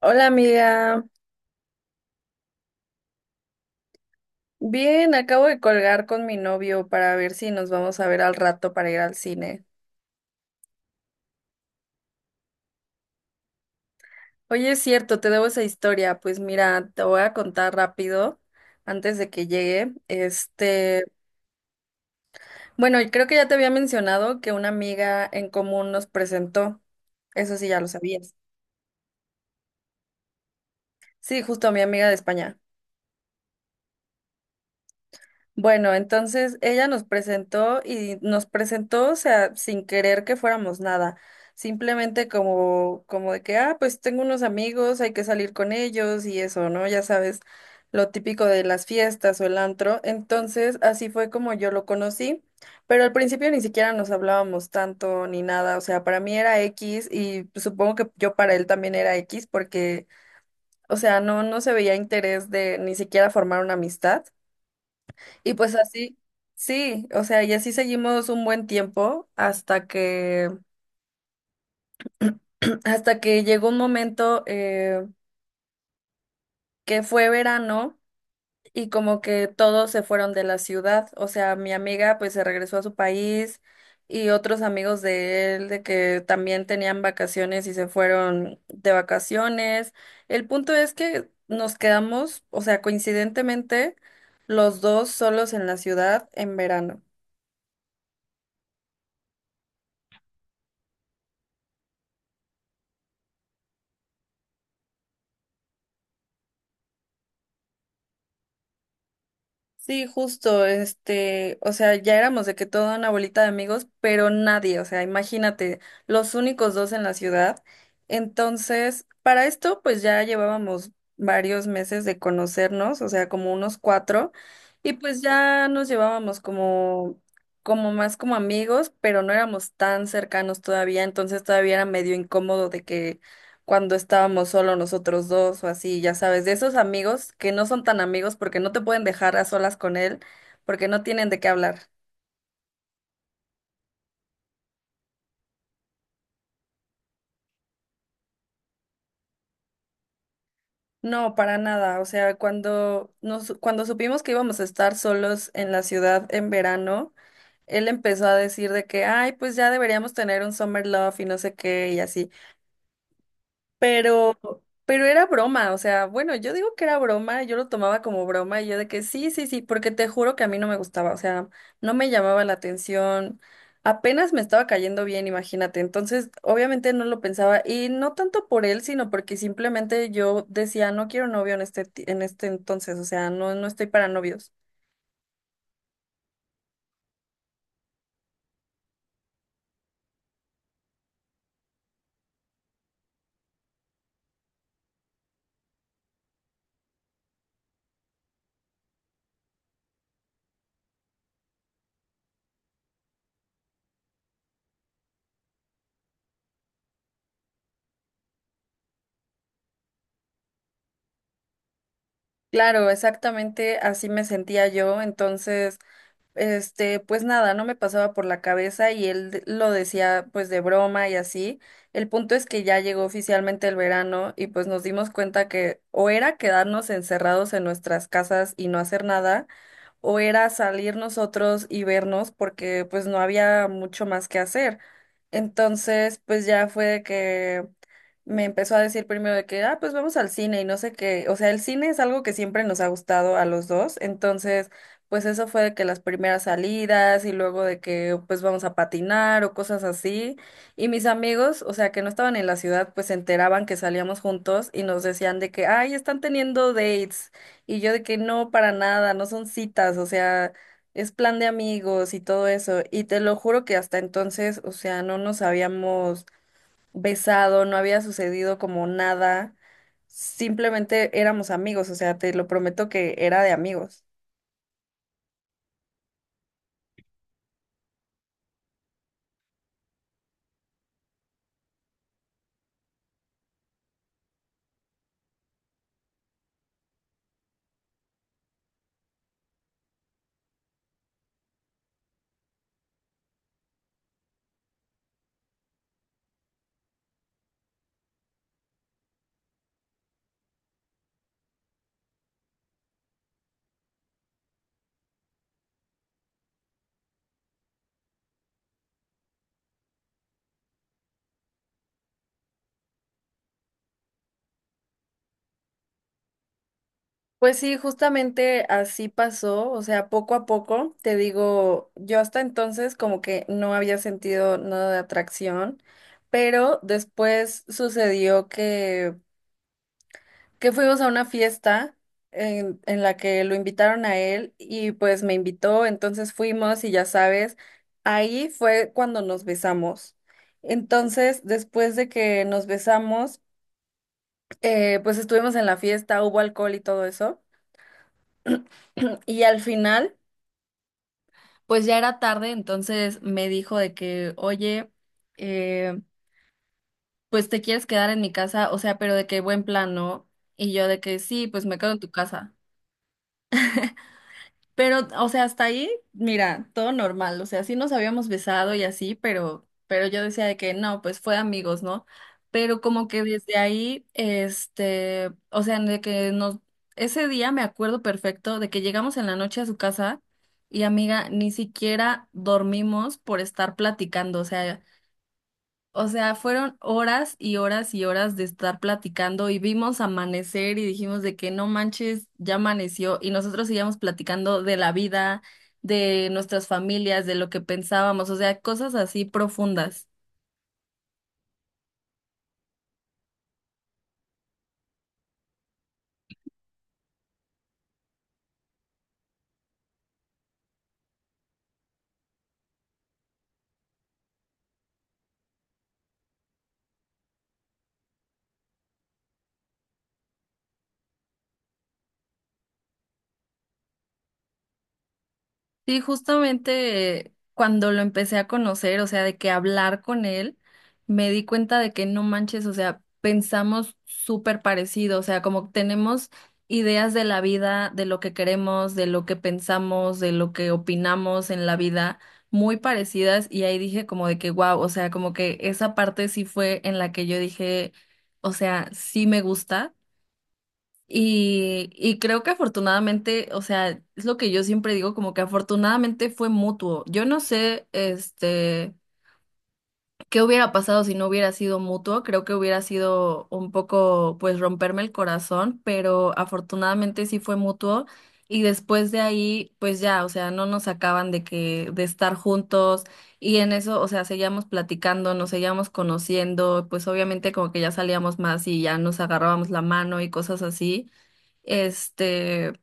Hola amiga, bien, acabo de colgar con mi novio para ver si nos vamos a ver al rato para ir al cine. Oye, es cierto, te debo esa historia. Pues mira, te voy a contar rápido antes de que llegue. Bueno, y creo que ya te había mencionado que una amiga en común nos presentó. Eso sí, ya lo sabías. Sí, justo a mi amiga de España. Bueno, entonces ella nos presentó y nos presentó, o sea, sin querer que fuéramos nada, simplemente como, como de que, ah, pues tengo unos amigos, hay que salir con ellos y eso, ¿no? Ya sabes, lo típico de las fiestas o el antro. Entonces, así fue como yo lo conocí, pero al principio ni siquiera nos hablábamos tanto ni nada, o sea, para mí era X y supongo que yo para él también era X porque, o sea, no, no se veía interés de ni siquiera formar una amistad. Y pues así, sí, o sea, y así seguimos un buen tiempo hasta que, hasta que llegó un momento que fue verano y como que todos se fueron de la ciudad. O sea, mi amiga pues se regresó a su país y otros amigos de él de que también tenían vacaciones y se fueron de vacaciones. El punto es que nos quedamos, o sea, coincidentemente, los dos solos en la ciudad en verano. Sí, justo, o sea, ya éramos de que toda una bolita de amigos, pero nadie, o sea, imagínate, los únicos dos en la ciudad. Entonces, para esto, pues ya llevábamos varios meses de conocernos, o sea, como unos cuatro, y pues ya nos llevábamos como, como más como amigos, pero no éramos tan cercanos todavía, entonces todavía era medio incómodo de que cuando estábamos solo nosotros dos o así, ya sabes, de esos amigos que no son tan amigos porque no te pueden dejar a solas con él, porque no tienen de qué hablar. No, para nada. O sea, cuando supimos que íbamos a estar solos en la ciudad en verano, él empezó a decir de que, ay, pues ya deberíamos tener un summer love y no sé qué y así. Pero, pero era broma, o sea, bueno, yo digo que era broma, yo lo tomaba como broma y yo de que sí, sí, sí, porque te juro que a mí no me gustaba, o sea, no me llamaba la atención, apenas me estaba cayendo bien, imagínate, entonces obviamente no lo pensaba y no tanto por él, sino porque simplemente yo decía, no quiero novio en en este entonces, o sea, no, no estoy para novios. Claro, exactamente así me sentía yo, entonces... Pues nada, no me pasaba por la cabeza y lo decía pues de broma y así. El punto es que ya llegó oficialmente el verano y pues nos dimos cuenta que o era quedarnos encerrados en nuestras casas y no hacer nada o era salir nosotros y vernos porque pues no había mucho más que hacer. Entonces, pues ya fue de que me empezó a decir primero de que, ah, pues vamos al cine y no sé qué. O sea, el cine es algo que siempre nos ha gustado a los dos. Entonces, pues eso fue de que las primeras salidas y luego de que pues vamos a patinar o cosas así. Y mis amigos, o sea, que no estaban en la ciudad, pues se enteraban que salíamos juntos y nos decían de que, ay, están teniendo dates. Y yo de que no, para nada, no son citas, o sea, es plan de amigos y todo eso. Y te lo juro que hasta entonces, o sea, no nos habíamos besado, no había sucedido como nada, simplemente éramos amigos, o sea, te lo prometo que era de amigos. Pues sí, justamente así pasó, o sea, poco a poco, te digo, yo hasta entonces como que no había sentido nada de atracción, pero después sucedió que fuimos a una fiesta en la que lo invitaron a él y pues me invitó, entonces fuimos y ya sabes, ahí fue cuando nos besamos. Entonces, después de que nos besamos, pues estuvimos en la fiesta, hubo alcohol y todo eso, y al final, pues ya era tarde, entonces me dijo de que, oye, eh, pues te quieres quedar en mi casa, o sea, pero de que buen plan, ¿no? Y yo de que sí, pues me quedo en tu casa. Pero, o sea, hasta ahí, mira, todo normal. O sea, sí nos habíamos besado y así, pero yo decía de que no, pues fue amigos, ¿no? Pero como que desde ahí, o sea, de que nos, ese día me acuerdo perfecto de que llegamos en la noche a su casa y amiga, ni siquiera dormimos por estar platicando. O sea, fueron horas y horas y horas de estar platicando y vimos amanecer y dijimos de que no manches, ya amaneció y nosotros seguíamos platicando de la vida, de nuestras familias, de lo que pensábamos, o sea, cosas así profundas. Sí, justamente cuando lo empecé a conocer, o sea, de que hablar con él, me di cuenta de que no manches, o sea, pensamos súper parecido, o sea, como tenemos ideas de la vida, de lo que queremos, de lo que pensamos, de lo que opinamos en la vida, muy parecidas, y ahí dije como de que, wow, o sea, como que esa parte sí fue en la que yo dije, o sea, sí me gusta. Y creo que afortunadamente, o sea, es lo que yo siempre digo, como que afortunadamente fue mutuo. Yo no sé, qué hubiera pasado si no hubiera sido mutuo. Creo que hubiera sido un poco, pues, romperme el corazón, pero afortunadamente sí fue mutuo. Y después de ahí, pues ya, o sea, no nos sacaban de que, de estar juntos. Y en eso, o sea, seguíamos platicando, nos seguíamos conociendo, pues obviamente como que ya salíamos más y ya nos agarrábamos la mano y cosas así. Este,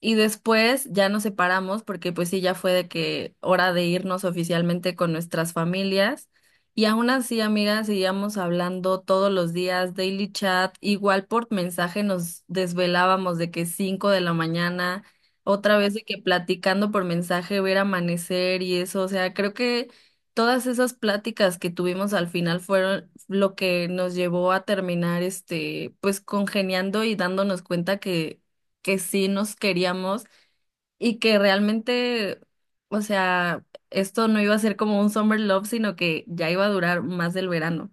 y después ya nos separamos porque pues sí, ya fue de que hora de irnos oficialmente con nuestras familias. Y aún así, amigas, seguíamos hablando todos los días, daily chat, igual por mensaje nos desvelábamos de que 5:00 de la mañana, otra vez de que platicando por mensaje, ver amanecer y eso, o sea, creo que todas esas pláticas que tuvimos al final fueron lo que nos llevó a terminar, pues congeniando y dándonos cuenta que sí nos queríamos y que realmente, o sea, esto no iba a ser como un summer love, sino que ya iba a durar más del verano.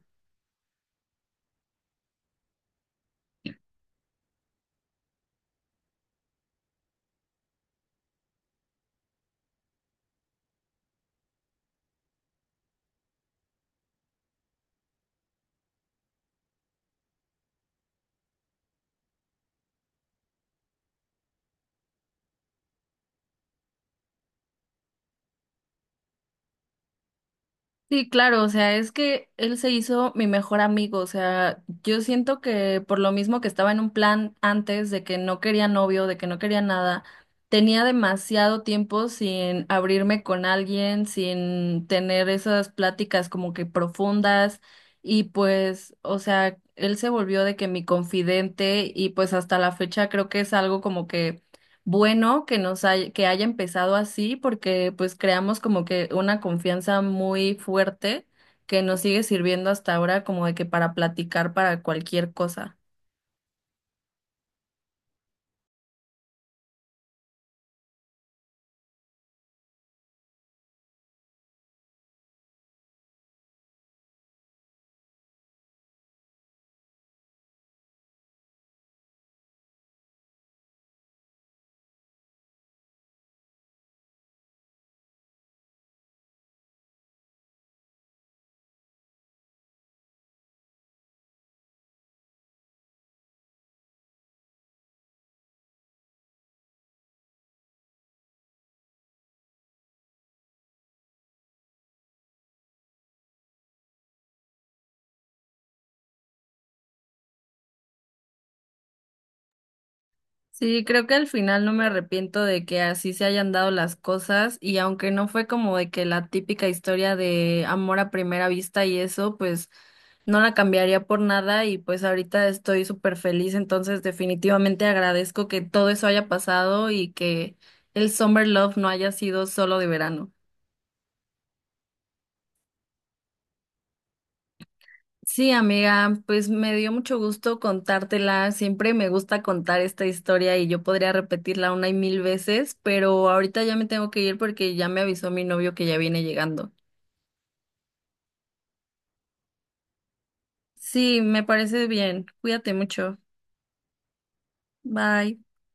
Sí, claro, o sea, es que él se hizo mi mejor amigo, o sea, yo siento que por lo mismo que estaba en un plan antes de que no quería novio, de que no quería nada, tenía demasiado tiempo sin abrirme con alguien, sin tener esas pláticas como que profundas y pues, o sea, él se volvió de que mi confidente y pues hasta la fecha creo que es algo como que bueno que que haya empezado así porque pues creamos como que una confianza muy fuerte que nos sigue sirviendo hasta ahora como de que para platicar para cualquier cosa. Sí, creo que al final no me arrepiento de que así se hayan dado las cosas y aunque no fue como de que la típica historia de amor a primera vista y eso, pues no la cambiaría por nada y pues ahorita estoy súper feliz, entonces definitivamente agradezco que todo eso haya pasado y que el Summer Love no haya sido solo de verano. Sí, amiga, pues me dio mucho gusto contártela. Siempre me gusta contar esta historia y yo podría repetirla una y mil veces, pero ahorita ya me tengo que ir porque ya me avisó mi novio que ya viene llegando. Sí, me parece bien. Cuídate mucho. Bye.